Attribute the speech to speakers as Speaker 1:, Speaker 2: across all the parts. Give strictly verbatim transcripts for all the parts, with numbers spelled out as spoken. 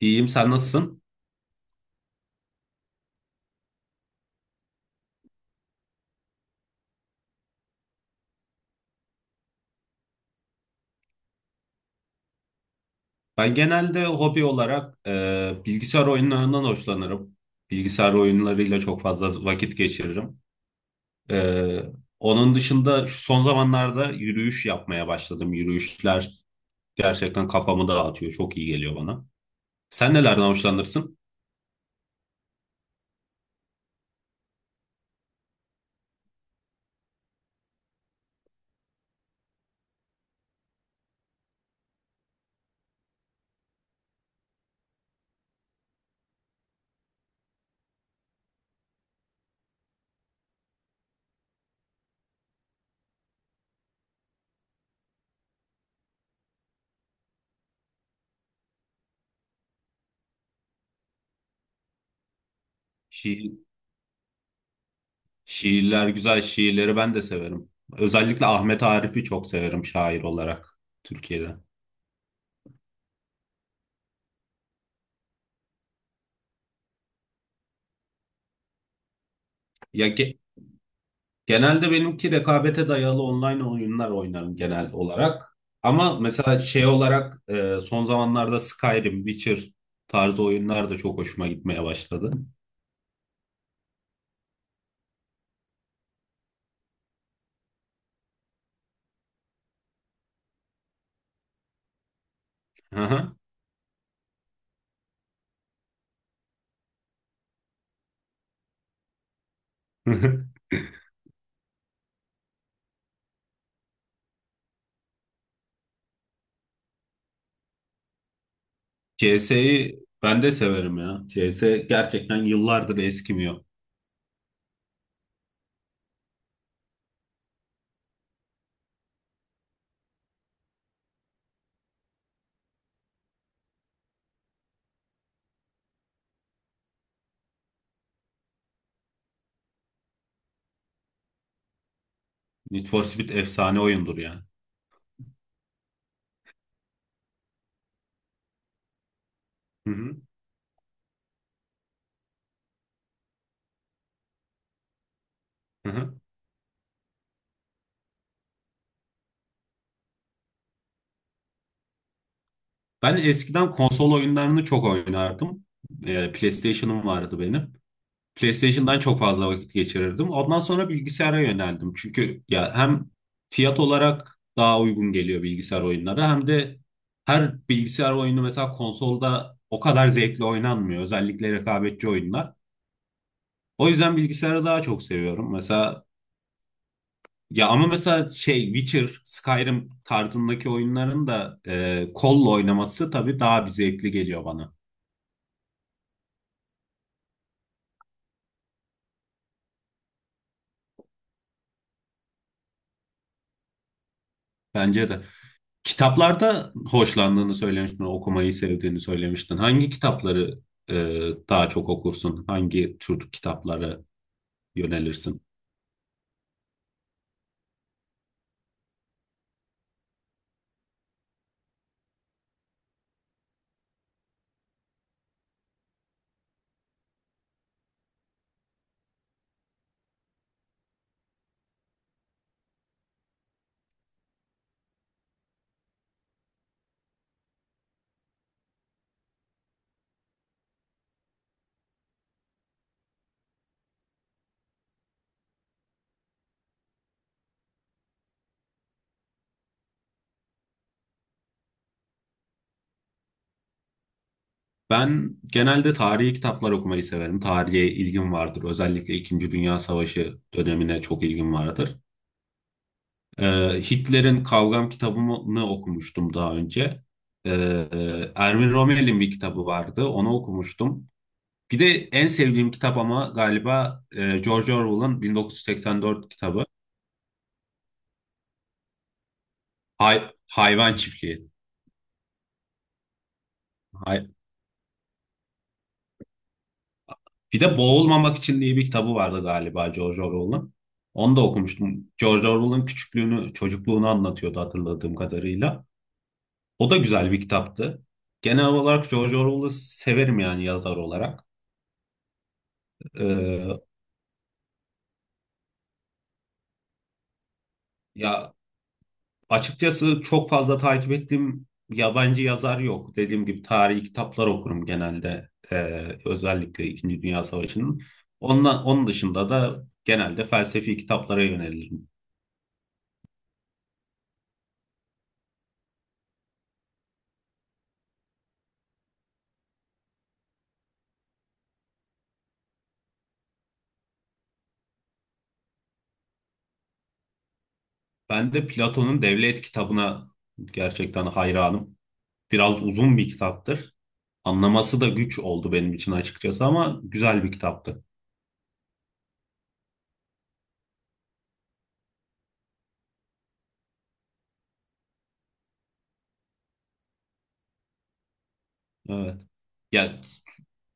Speaker 1: İyiyim, sen nasılsın? Ben genelde hobi olarak e, bilgisayar oyunlarından hoşlanırım. Bilgisayar oyunlarıyla çok fazla vakit geçiririm. E, Onun dışında şu son zamanlarda yürüyüş yapmaya başladım. Yürüyüşler gerçekten kafamı dağıtıyor. Çok iyi geliyor bana. Sen nelerden hoşlanırsın? Şiir, şiirler güzel, şiirleri ben de severim. Özellikle Ahmet Arif'i çok severim şair olarak Türkiye'de. Ya ge- Genelde benimki rekabete dayalı online oyunlar oynarım genel olarak. Ama mesela şey olarak e, son zamanlarda Skyrim, Witcher tarzı oyunlar da çok hoşuma gitmeye başladı. Aha. C S'yi ben de severim ya. C S gerçekten yıllardır eskimiyor. Need for Speed efsane oyundur ya. Hı hı. Hı hı. Ben eskiden konsol oyunlarını çok oynardım. Ee, PlayStation'ım vardı benim. PlayStation'dan çok fazla vakit geçirirdim. Ondan sonra bilgisayara yöneldim. Çünkü ya hem fiyat olarak daha uygun geliyor bilgisayar oyunları hem de her bilgisayar oyunu mesela konsolda o kadar zevkli oynanmıyor. Özellikle rekabetçi oyunlar. O yüzden bilgisayarı daha çok seviyorum. Mesela ya ama mesela şey Witcher, Skyrim tarzındaki oyunların da e, kolla oynaması tabii daha bir zevkli geliyor bana. Bence de. Kitaplarda hoşlandığını söylemiştin, okumayı sevdiğini söylemiştin. Hangi kitapları e, daha çok okursun? Hangi tür kitaplara yönelirsin? Ben genelde tarihi kitaplar okumayı severim. Tarihe ilgim vardır. Özellikle İkinci Dünya Savaşı dönemine çok ilgim vardır. E, Hitler'in Kavgam kitabını okumuştum daha önce. E, Erwin Rommel'in bir kitabı vardı. Onu okumuştum. Bir de en sevdiğim kitap ama galiba e, George Orwell'ın bin dokuz yüz seksen dört kitabı. Hay- hayvan çiftliği. Hay- Bir de Boğulmamak için diye bir kitabı vardı galiba George Orwell'ın. Onu da okumuştum. George Orwell'ın küçüklüğünü, çocukluğunu anlatıyordu hatırladığım kadarıyla. O da güzel bir kitaptı. Genel olarak George Orwell'ı severim yani yazar olarak. Ee, ya açıkçası çok fazla takip ettiğim yabancı yazar yok. Dediğim gibi tarihi kitaplar okurum genelde. Ee, özellikle İkinci Dünya Savaşı'nın. Ondan, onun dışında da genelde felsefi kitaplara yönelirim. Ben de Platon'un Devlet kitabına gerçekten hayranım. Biraz uzun bir kitaptır. Anlaması da güç oldu benim için açıkçası ama güzel bir kitaptı. Evet. Ya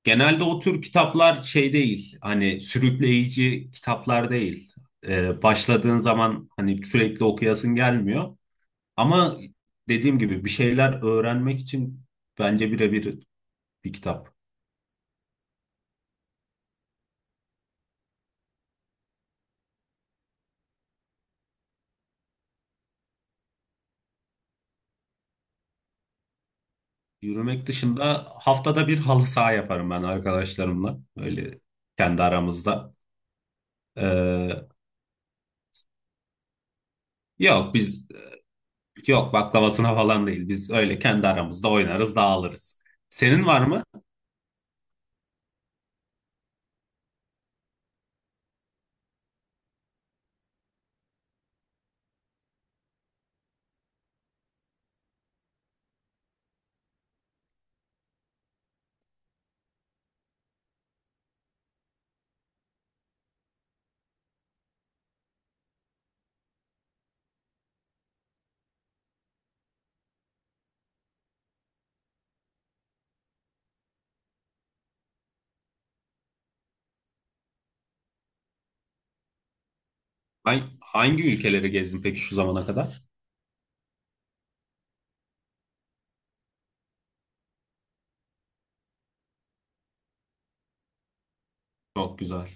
Speaker 1: genelde o tür kitaplar şey değil. Hani sürükleyici kitaplar değil. Ee, başladığın zaman hani sürekli okuyasın gelmiyor. Ama dediğim gibi bir şeyler öğrenmek için bence birebir bir kitap. Yürümek dışında haftada bir halı saha yaparım ben arkadaşlarımla. Öyle kendi aramızda. Ee, yok biz yok baklavasına falan değil. Biz öyle kendi aramızda oynarız, dağılırız. Senin var mı? Ben hangi ülkeleri gezdin peki şu zamana kadar? Çok güzel.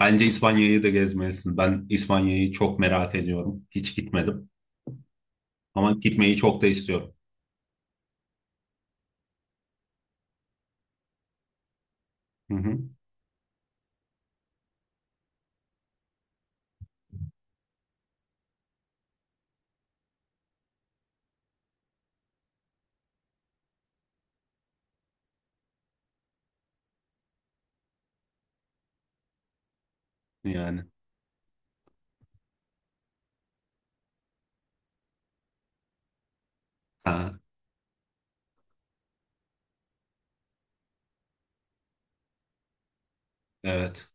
Speaker 1: Bence İspanya'yı da gezmelisin. Ben İspanya'yı çok merak ediyorum. Hiç gitmedim. Ama gitmeyi çok da istiyorum. Hı hı. Yani. Ha, evet.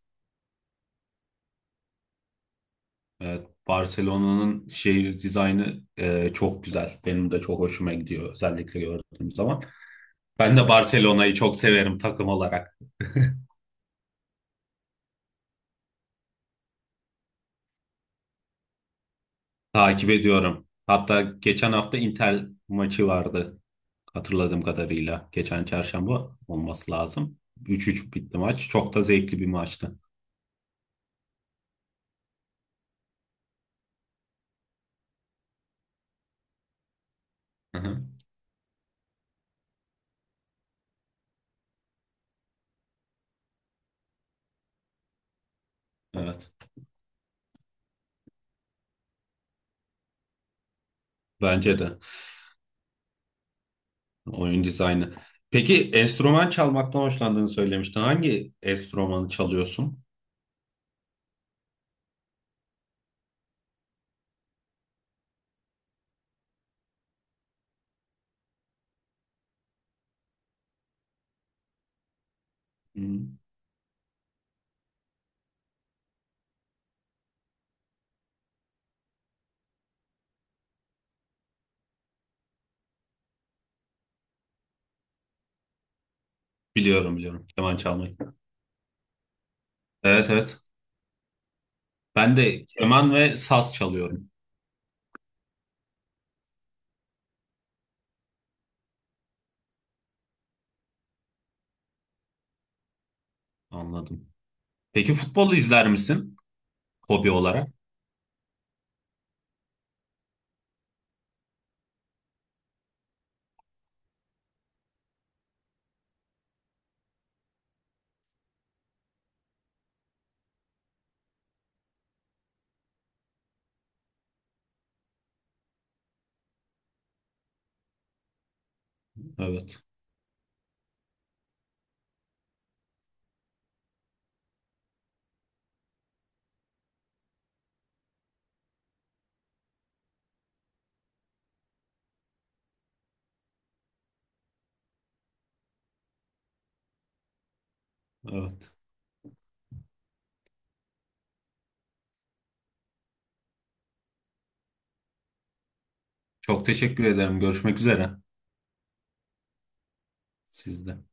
Speaker 1: Evet, Barcelona'nın şehir dizaynı e, çok güzel. Benim de çok hoşuma gidiyor özellikle gördüğüm zaman. Ben de Barcelona'yı çok severim takım olarak. Takip ediyorum. Hatta geçen hafta Inter maçı vardı hatırladığım kadarıyla. Geçen çarşamba olması lazım. üç üç bitti maç. Çok da zevkli bir maçtı. Hı hı, evet. Bence de oyun dizaynı. Peki enstrüman çalmaktan hoşlandığını söylemiştin. Hangi enstrümanı çalıyorsun? Hı. Biliyorum biliyorum keman çalmayı. Evet evet. Ben de keman ve saz çalıyorum. Anladım. Peki futbolu izler misin hobi olarak? Evet. Evet. Çok teşekkür ederim. Görüşmek üzere. Sizde.